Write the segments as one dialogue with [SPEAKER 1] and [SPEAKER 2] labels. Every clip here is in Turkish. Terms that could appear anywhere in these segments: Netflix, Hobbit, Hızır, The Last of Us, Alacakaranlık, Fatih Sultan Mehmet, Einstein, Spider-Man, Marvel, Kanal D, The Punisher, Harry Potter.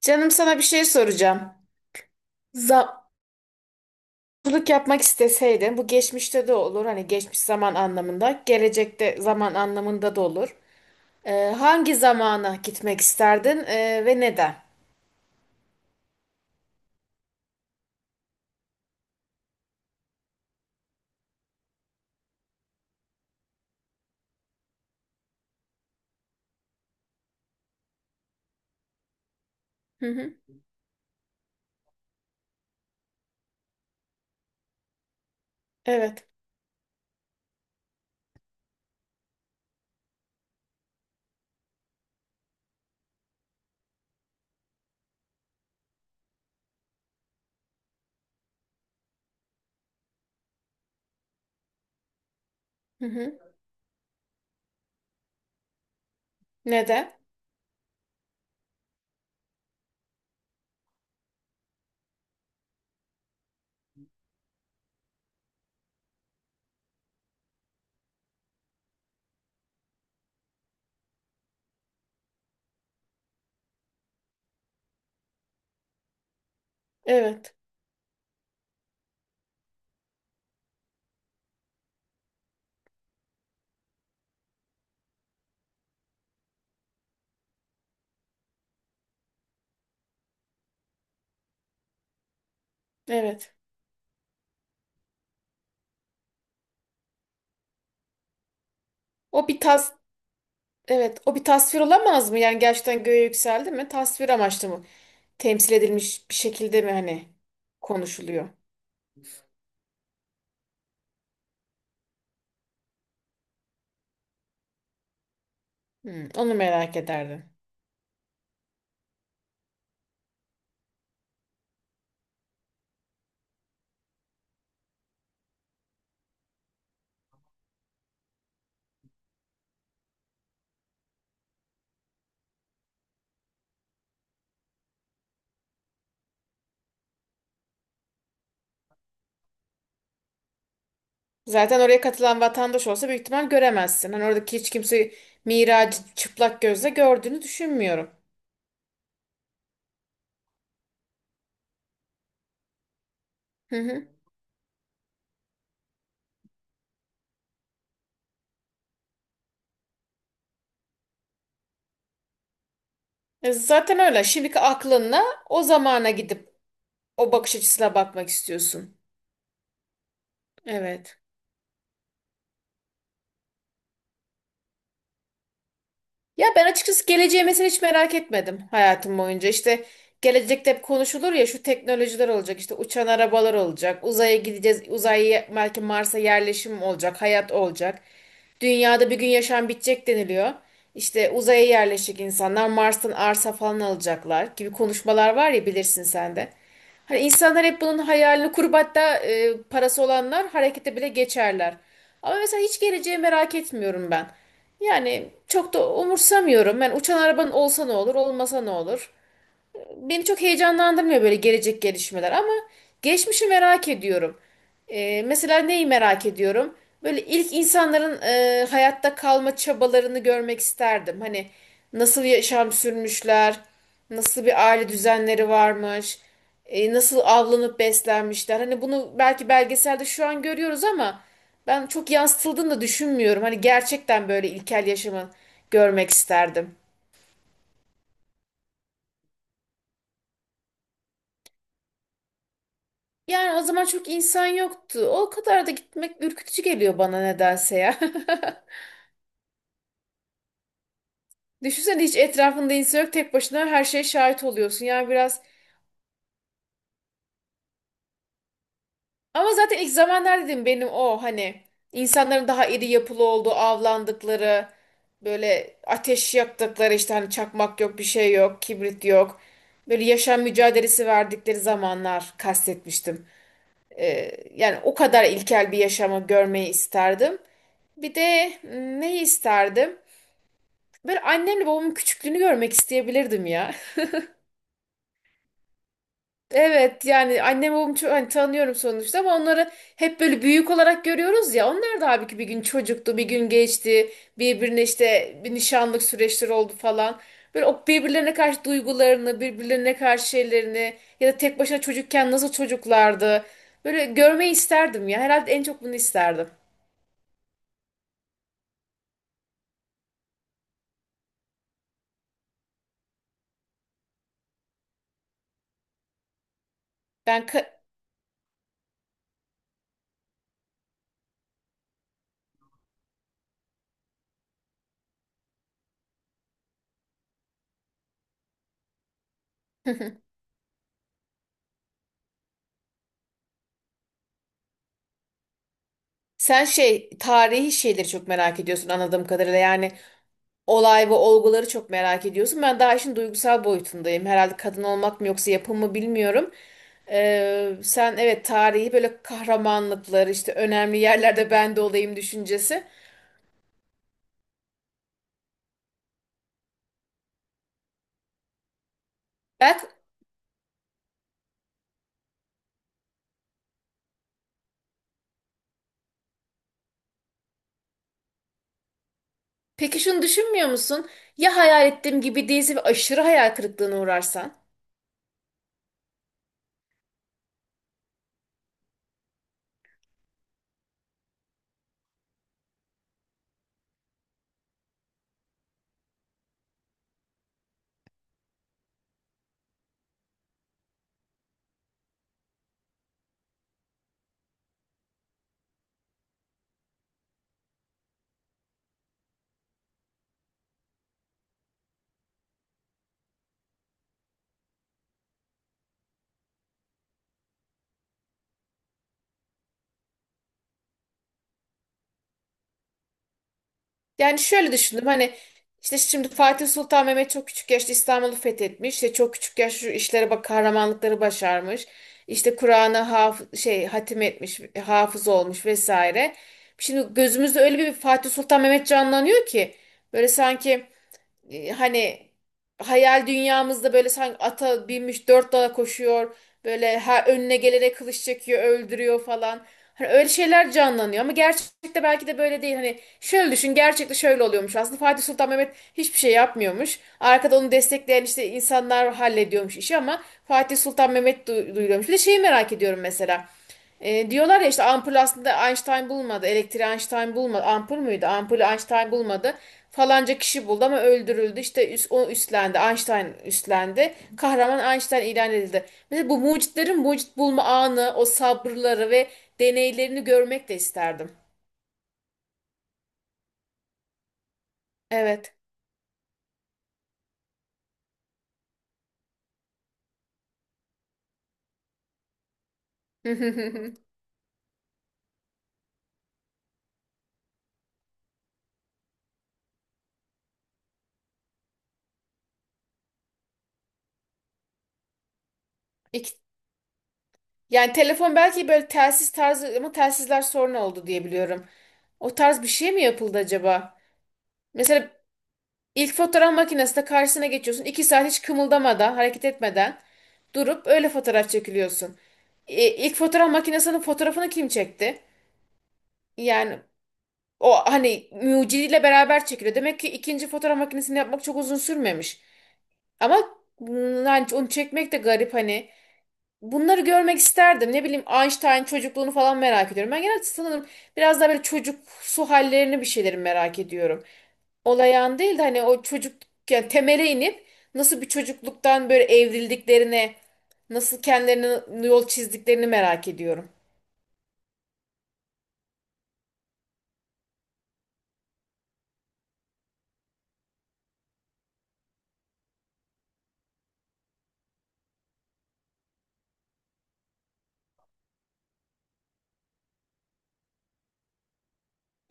[SPEAKER 1] Canım sana bir şey soracağım. Zamcılık yapmak isteseydin, bu geçmişte de olur, hani geçmiş zaman anlamında, gelecekte zaman anlamında da olur. Ee, hangi zamana gitmek isterdin ve neden? Hı hı. Evet. Hı hı. Neden? Evet. Evet. O bir tas, evet, o bir tasvir olamaz mı? Yani gerçekten göğe yükseldi mi? Tasvir amaçlı mı? Temsil edilmiş bir şekilde mi hani konuşuluyor? Hı, onu merak ederdim. Zaten oraya katılan vatandaş olsa büyük ihtimal göremezsin. Hani oradaki hiç kimse Miraç'ı çıplak gözle gördüğünü düşünmüyorum. Hı hı. E zaten öyle. Şimdiki aklınla o zamana gidip o bakış açısına bakmak istiyorsun. Evet. Ya ben açıkçası geleceği mesela hiç merak etmedim hayatım boyunca. İşte gelecekte hep konuşulur ya şu teknolojiler olacak, işte uçan arabalar olacak, uzaya gideceğiz, uzaya belki Mars'a yerleşim olacak, hayat olacak. Dünyada bir gün yaşam bitecek deniliyor. İşte uzaya yerleşecek insanlar Mars'tan arsa falan alacaklar gibi konuşmalar var ya bilirsin sen de. Hani insanlar hep bunun hayalini kurup hatta parası olanlar harekete bile geçerler. Ama mesela hiç geleceği merak etmiyorum ben. Yani çok da umursamıyorum. Ben uçan arabanın olsa ne olur, olmasa ne olur beni çok heyecanlandırmıyor böyle gelecek gelişmeler ama geçmişi merak ediyorum. Mesela neyi merak ediyorum? Böyle ilk insanların hayatta kalma çabalarını görmek isterdim. Hani nasıl yaşam sürmüşler, nasıl bir aile düzenleri varmış, nasıl avlanıp beslenmişler. Hani bunu belki belgeselde şu an görüyoruz ama ben çok yansıtıldığını da düşünmüyorum. Hani gerçekten böyle ilkel yaşamı görmek isterdim. Yani o zaman çok insan yoktu. O kadar da gitmek ürkütücü geliyor bana nedense ya. Düşünsene hiç etrafında insan yok tek başına her şeye şahit oluyorsun. Yani biraz ama zaten ilk zamanlar dedim benim o hani insanların daha iri yapılı olduğu avlandıkları böyle ateş yaktıkları işte hani çakmak yok bir şey yok kibrit yok. Böyle yaşam mücadelesi verdikleri zamanlar kastetmiştim. Yani o kadar ilkel bir yaşamı görmeyi isterdim. Bir de neyi isterdim? Böyle annemle babamın küçüklüğünü görmek isteyebilirdim ya. Evet yani annem babamı çok hani tanıyorum sonuçta ama onları hep böyle büyük olarak görüyoruz ya. Onlar da abi ki bir gün çocuktu, bir gün geçti. Birbirine işte bir nişanlık süreçleri oldu falan. Böyle o birbirlerine karşı duygularını, birbirlerine karşı şeylerini ya da tek başına çocukken nasıl çocuklardı. Böyle görmeyi isterdim ya. Herhalde en çok bunu isterdim. Ben ka- sen şey tarihi şeyleri çok merak ediyorsun anladığım kadarıyla. Yani olay ve olguları çok merak ediyorsun. Ben daha işin duygusal boyutundayım. Herhalde kadın olmak mı yoksa yapım mı bilmiyorum. Sen evet tarihi böyle kahramanlıklar işte önemli yerlerde ben de olayım düşüncesi. Belki, peki şunu düşünmüyor musun? Ya hayal ettiğim gibi değilse ve aşırı hayal kırıklığına uğrarsan? Yani şöyle düşündüm hani işte şimdi Fatih Sultan Mehmet çok küçük yaşta İstanbul'u fethetmiş. İşte çok küçük yaşta şu işlere bak kahramanlıkları başarmış. İşte Kur'an'ı haf şey hatim etmiş, hafız olmuş vesaire. Şimdi gözümüzde öyle bir Fatih Sultan Mehmet canlanıyor ki böyle sanki hani hayal dünyamızda böyle sanki ata binmiş dört dala koşuyor. Böyle her önüne gelene kılıç çekiyor, öldürüyor falan. Hani öyle şeyler canlanıyor ama gerçekte belki de böyle değil. Hani şöyle düşün, gerçekte şöyle oluyormuş. Aslında Fatih Sultan Mehmet hiçbir şey yapmıyormuş. Arkada onu destekleyen işte insanlar hallediyormuş işi ama Fatih Sultan Mehmet duyuluyormuş. Bir de şeyi merak ediyorum mesela. Diyorlar ya işte ampul aslında Einstein bulmadı. Elektriği Einstein bulmadı. Ampul müydü? Ampulü Einstein bulmadı. Falanca kişi buldu ama öldürüldü. O üstlendi. Einstein üstlendi. Kahraman Einstein ilan edildi. Mesela bu mucitlerin mucit bulma anı, o sabırları ve deneylerini görmek de isterdim. Evet. İki- Yani telefon belki böyle telsiz tarzı ama telsizler sorun oldu diye biliyorum. O tarz bir şey mi yapıldı acaba? Mesela İlk fotoğraf makinesinde karşısına geçiyorsun. İki saat hiç kımıldamadan, hareket etmeden durup öyle fotoğraf çekiliyorsun. İlk fotoğraf makinesinin fotoğrafını kim çekti? Yani o hani mucidiyle beraber çekiliyor. Demek ki ikinci fotoğraf makinesini yapmak çok uzun sürmemiş. Ama yani onu çekmek de garip hani. Bunları görmek isterdim. Ne bileyim Einstein çocukluğunu falan merak ediyorum. Ben genelde sanırım biraz daha böyle çocuksu hallerini bir şeyleri merak ediyorum olayan değil de hani o çocuk yani temele inip nasıl bir çocukluktan böyle evrildiklerine, nasıl kendilerine yol çizdiklerini merak ediyorum.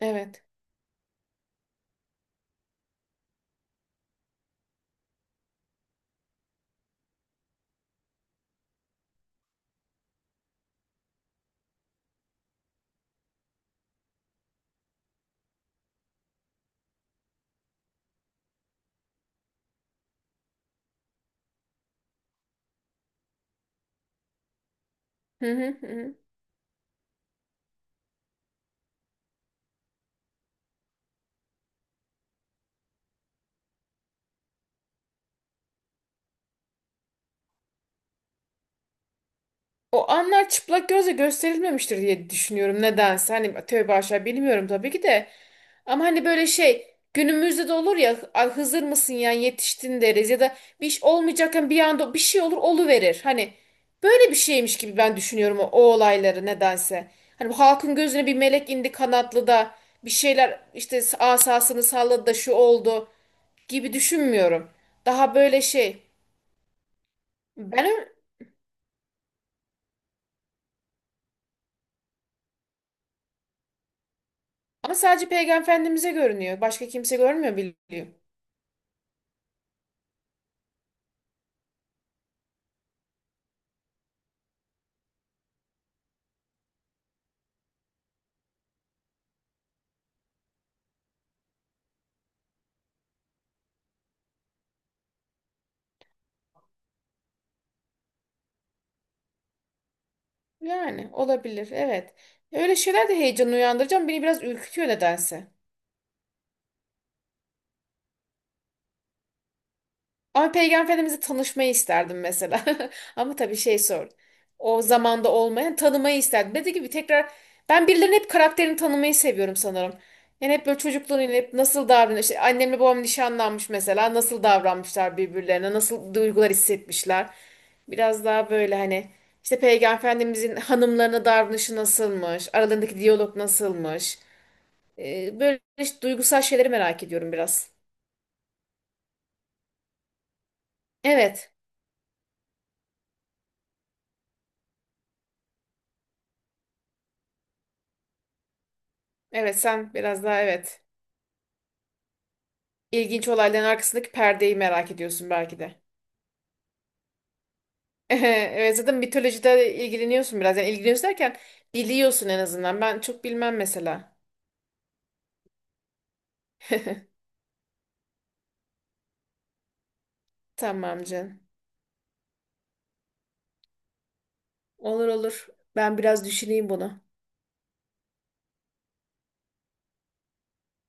[SPEAKER 1] Evet. Hı hı hı. O anlar çıplak gözle gösterilmemiştir diye düşünüyorum nedense. Hani tövbe aşağı bilmiyorum tabii ki de. Ama hani böyle şey günümüzde de olur ya "Ay, Hızır mısın ya yetiştin" deriz ya da bir iş olmayacakken bir anda bir şey olur oluverir. Hani böyle bir şeymiş gibi ben düşünüyorum o olayları nedense. Hani bu halkın gözüne bir melek indi kanatlı da bir şeyler işte asasını salladı da şu oldu gibi düşünmüyorum. Daha böyle şey ben. Ama sadece Peygamber Efendimiz'e görünüyor. Başka kimse görmüyor biliyor. Yani olabilir. Evet. Öyle şeyler de heyecan uyandıracağım. Beni biraz ürkütüyor nedense. Ama Peygamber Efendimiz'i tanışmayı isterdim mesela. Ama tabii şey sor. O zamanda olmayan tanımayı isterdim. Dediğim gibi tekrar ben birilerinin hep karakterini tanımayı seviyorum sanırım. Yani hep böyle çocukluğunu hep nasıl davranıyor. İşte annemle babam nişanlanmış mesela. Nasıl davranmışlar birbirlerine. Nasıl duygular hissetmişler. Biraz daha böyle hani işte Peygamber Efendimiz'in hanımlarına davranışı nasılmış. Aralarındaki diyalog nasılmış. Böyle işte duygusal şeyleri merak ediyorum biraz. Evet. Evet sen biraz daha evet. İlginç olayların arkasındaki perdeyi merak ediyorsun belki de. Evet zaten mitolojide ilgileniyorsun biraz. Yani ilgileniyorsun derken biliyorsun en azından. Ben çok bilmem mesela. Tamam canım. Olur olur. Ben biraz düşüneyim bunu.